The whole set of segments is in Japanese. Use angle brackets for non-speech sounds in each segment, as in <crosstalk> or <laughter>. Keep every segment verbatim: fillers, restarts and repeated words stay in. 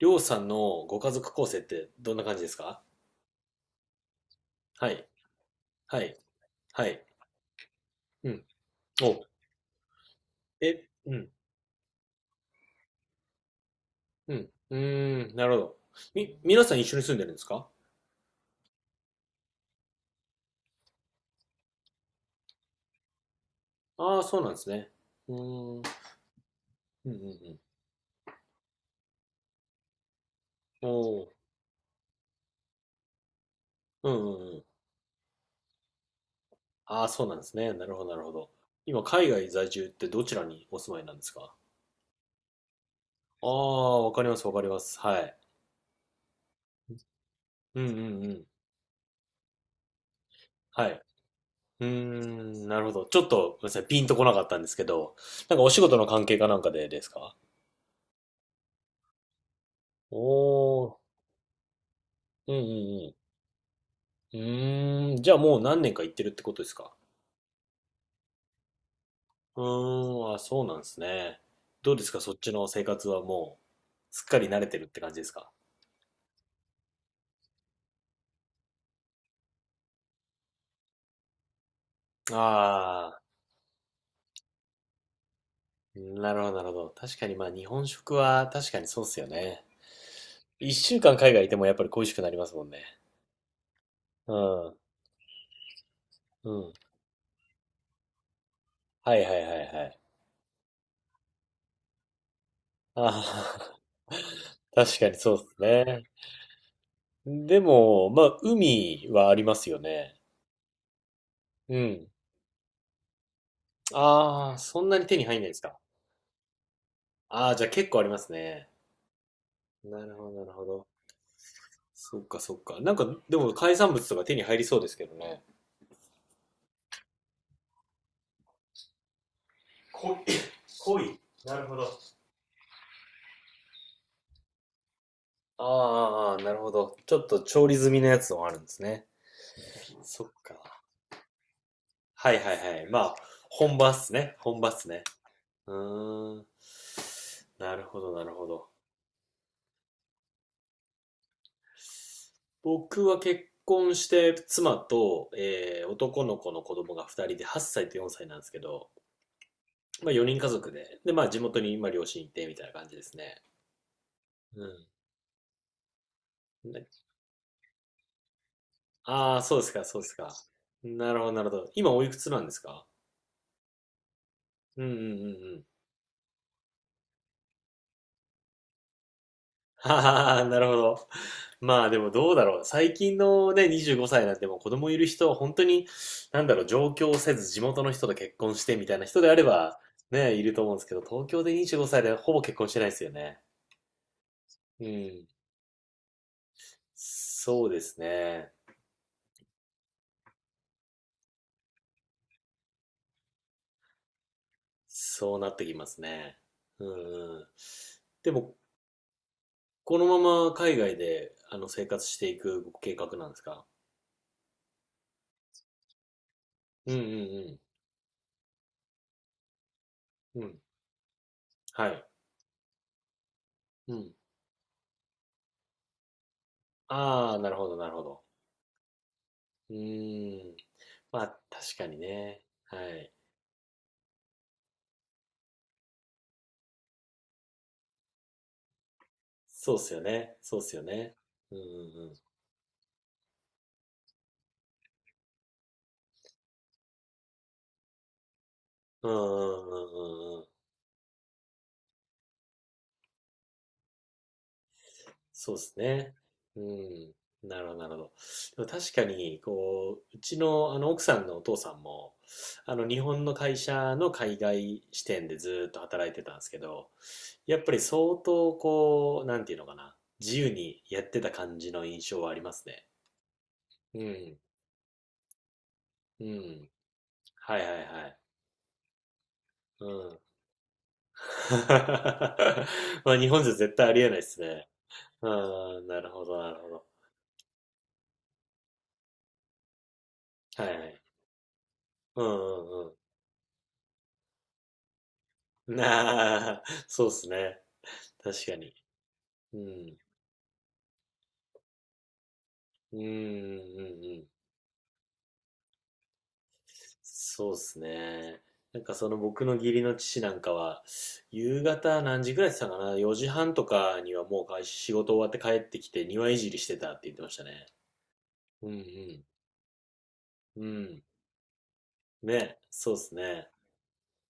りょうさんのご家族構成ってどんな感じですか？はい、はい、はい。うん。お、え、うん、うん、うーん、なるほど。み、皆さん一緒に住んでるんですか？ああー、そうなんですね。うーん、うん、うん、うん。おー、うん、うん、うん。ああ、そうなんですね。なるほど、なるほど。今、海外在住ってどちらにお住まいなんですか？ああ、わかります、わかります。はい。うん、うん、うん。はい。うーん、なるほど。ちょっと、ごめんなさい、ピンとこなかったんですけど、なんかお仕事の関係かなんかでですか？おー、うんうんうん。うーん、じゃあもう何年か行ってるってことですか？うーん、あ、そうなんですね。どうですか、そっちの生活はもう、すっかり慣れてるって感じですか？ああー、なるほど、なるほど。確かにまあ日本食は確かにそうっすよね。一週間海外いてもやっぱり恋しくなりますもんね。うん、うん。はいはいはいはい。ああ、<laughs> 確かにそうっすね。でも、まあ海はありますよね。うん。ああ、そんなに手に入んないですか？ああ、じゃあ結構ありますね。なるほど、なるほど。そっか、そっか。なんか、でも海産物とか手に入りそうですけどね。濃い。<coughs> 濃い。なるほど。ああ、あーあなるほど。ちょっと調理済みのやつもあるんですね。そっか。はいはいはい。まあ、本場っすね。本場っすね。うーん。なるほど、なるほど。僕は結婚して妻と、えー男の子の子供がふたりではっさいとよんさいなんですけど、まあよにん家族で、で、まあ地元に今両親いてみたいな感じですね。うん。ね、ああ、そうですか、そうですか。なるほど、なるほど。今おいくつなんですか？うんうんうんうん。はあ、なるほど。まあでもどうだろう。最近のね、にじゅうごさいなんてもう子供いる人は本当に、なんだろう、上京せず地元の人と結婚してみたいな人であれば、ね、いると思うんですけど、東京でにじゅうごさいでほぼ結婚してないですよね。うん。そうですね。そうなってきますね。うんうん。でも、このまま海外で、あの、生活していく計画なんですか？うんうんうん。うん。はい。うん。ああ、なるほど、なるほど。うーん。まあ、確かにね。はい。そうっすよね。そうっすよね。うんうんうん。うんうんうんうんうん。そうですね。うん。なるほど、なるほど。でも確かに、こう、うちの、あの、奥さんのお父さんも、あの、日本の会社の海外支店でずっと働いてたんですけど、やっぱり相当、こう、なんていうのかな、自由にやってた感じの印象はありますね。うん、うん。はいはいはい。うん。<laughs> まあ、日本じゃ絶対ありえないですね。うん、なるほど、なるほど。はいはい。うんうんうん。な <laughs> あ、そうっすね。確かに。うん。うんうんうんうん。そうっすね。なんかその僕の義理の父なんかは、夕方何時ぐらいって言ってたかな？ よ 時半とかにはもう会仕事終わって帰ってきて庭いじりしてたって言ってましたね。うんうん。うん。ね、そうっすね。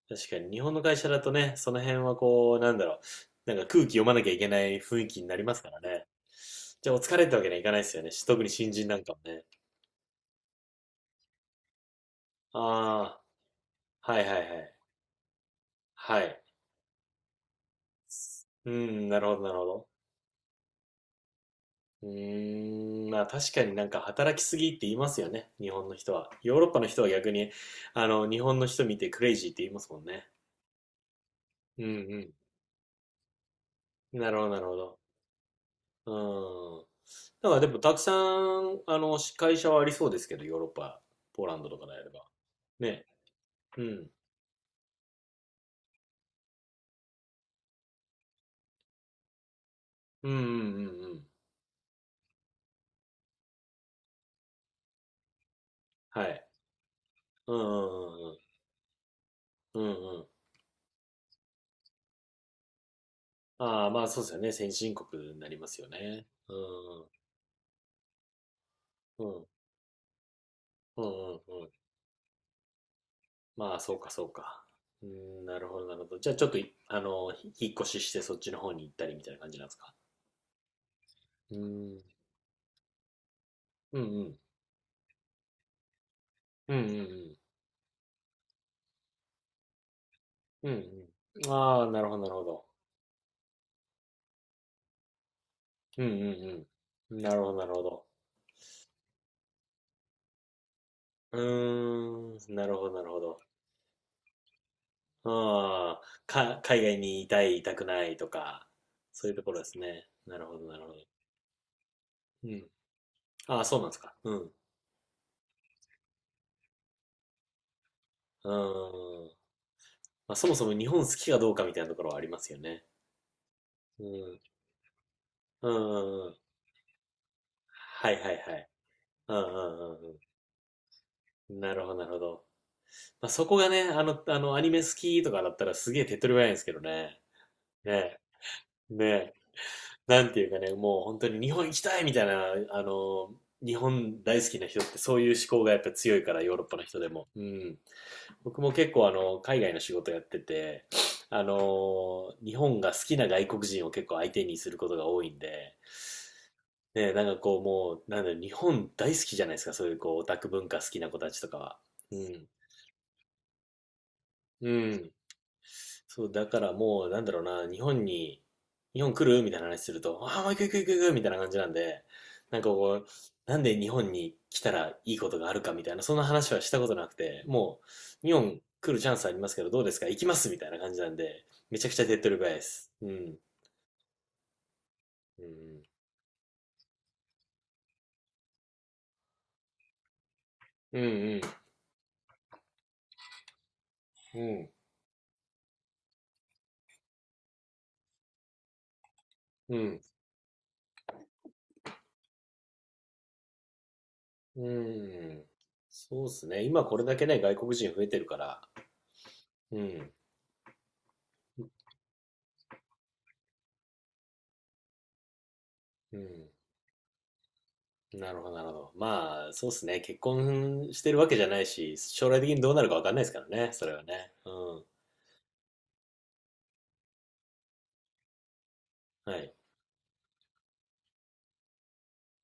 確かに日本の会社だとね、その辺はこう、なんだろう。なんか空気読まなきゃいけない雰囲気になりますからね。じゃあお疲れってわけにはいかないですよね。特に新人なんかもね。ああ。はいはいはい。はい。うーん、なるほどなるほど。うーん、まあ確かになんか働きすぎって言いますよね、日本の人は。ヨーロッパの人は逆に、あの、日本の人見てクレイジーって言いますもんね。うんうん。なるほどなるほど。うん。だからでもたくさん、あの、会社はありそうですけど、ヨーロッパ、ポーランドとかであれば。ね。うん。うんうんうんうん。はい。うんうんうんうん。うんうん。ああ、まあそうですよね。先進国になりますよね。うん。うん。うんうんうん。まあ、そうかそうか。うん、なるほどなるほど。じゃあちょっとい、あの、ひ引っ越ししてそっちの方に行ったりみたいな感じなんですか？うん。うんうん。うんうんうん。うんうん。ああ、なるほどなるほど。うんうんうん。なるほどなるほど。うーん、なるほどなるほど。ああ、か、海外にいたい、いたくないとか、そういうところですね。なるほどなるほど。うん。ああ、そうなんですか？うん。うーん。まあ、そもそも日本好きかどうかみたいなところはありますよね。うん。うんうんうん。はいはいはい。うんうんうんうん。なるほどなるほど。まあ、そこがね、あの、あの、アニメ好きとかだったらすげえ手っ取り早いんですけどね。ねえ、ねえ。なんていうかね、もう本当に日本行きたいみたいな、あの、日本大好きな人ってそういう思考がやっぱ強いから、ヨーロッパの人でも。うん。僕も結構あの、海外の仕事やってて、あの、日本が好きな外国人を結構相手にすることが多いんで、ね、なんかこうもう、なんだろう、日本大好きじゃないですか、そういうこうオタク文化好きな子たちとかは。うん。うん。そう、だからもう、なんだろうな、日本に、日本来るみたいな話すると、ああ、もう行く行く行く行くみたいな感じなんで、なんかこう、なんで日本に来たらいいことがあるかみたいな、そんな話はしたことなくて、もう、日本来るチャンスありますけど、どうですか行きますみたいな感じなんで、めちゃくちゃ手っ取り早いです。うん。うん。うんうん。うん。うん。うん。そうですね。今これだけね、外国人増えてるから。うん。うん。なるほど、なるほど。まあ、そうですね。結婚してるわけじゃないし、将来的にどうなるかわかんないですからね。それはね。うん。はい。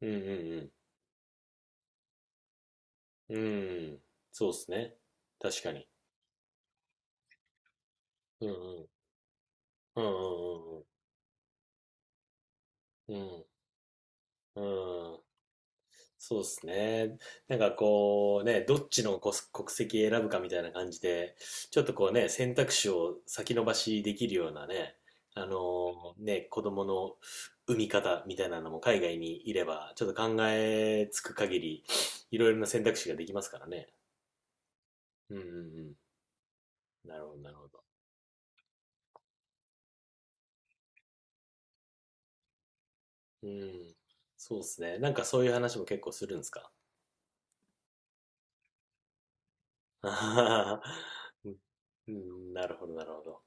うんうんうん。うん。そうですね。確かに。うんうん。うんうんうんうん。うん。うん。そうですね。なんかこうね、どっちの国国籍選ぶかみたいな感じで、ちょっとこうね、選択肢を先延ばしできるようなね、あのね、子供の産み方みたいなのも海外にいれば、ちょっと考えつく限り、いろいろな選択肢ができますからね。うんうんうん。なるほど、なるほど。うん。そうですね。なんかそういう話も結構するんですか？あははは <laughs> うん、なるほど、なるほど。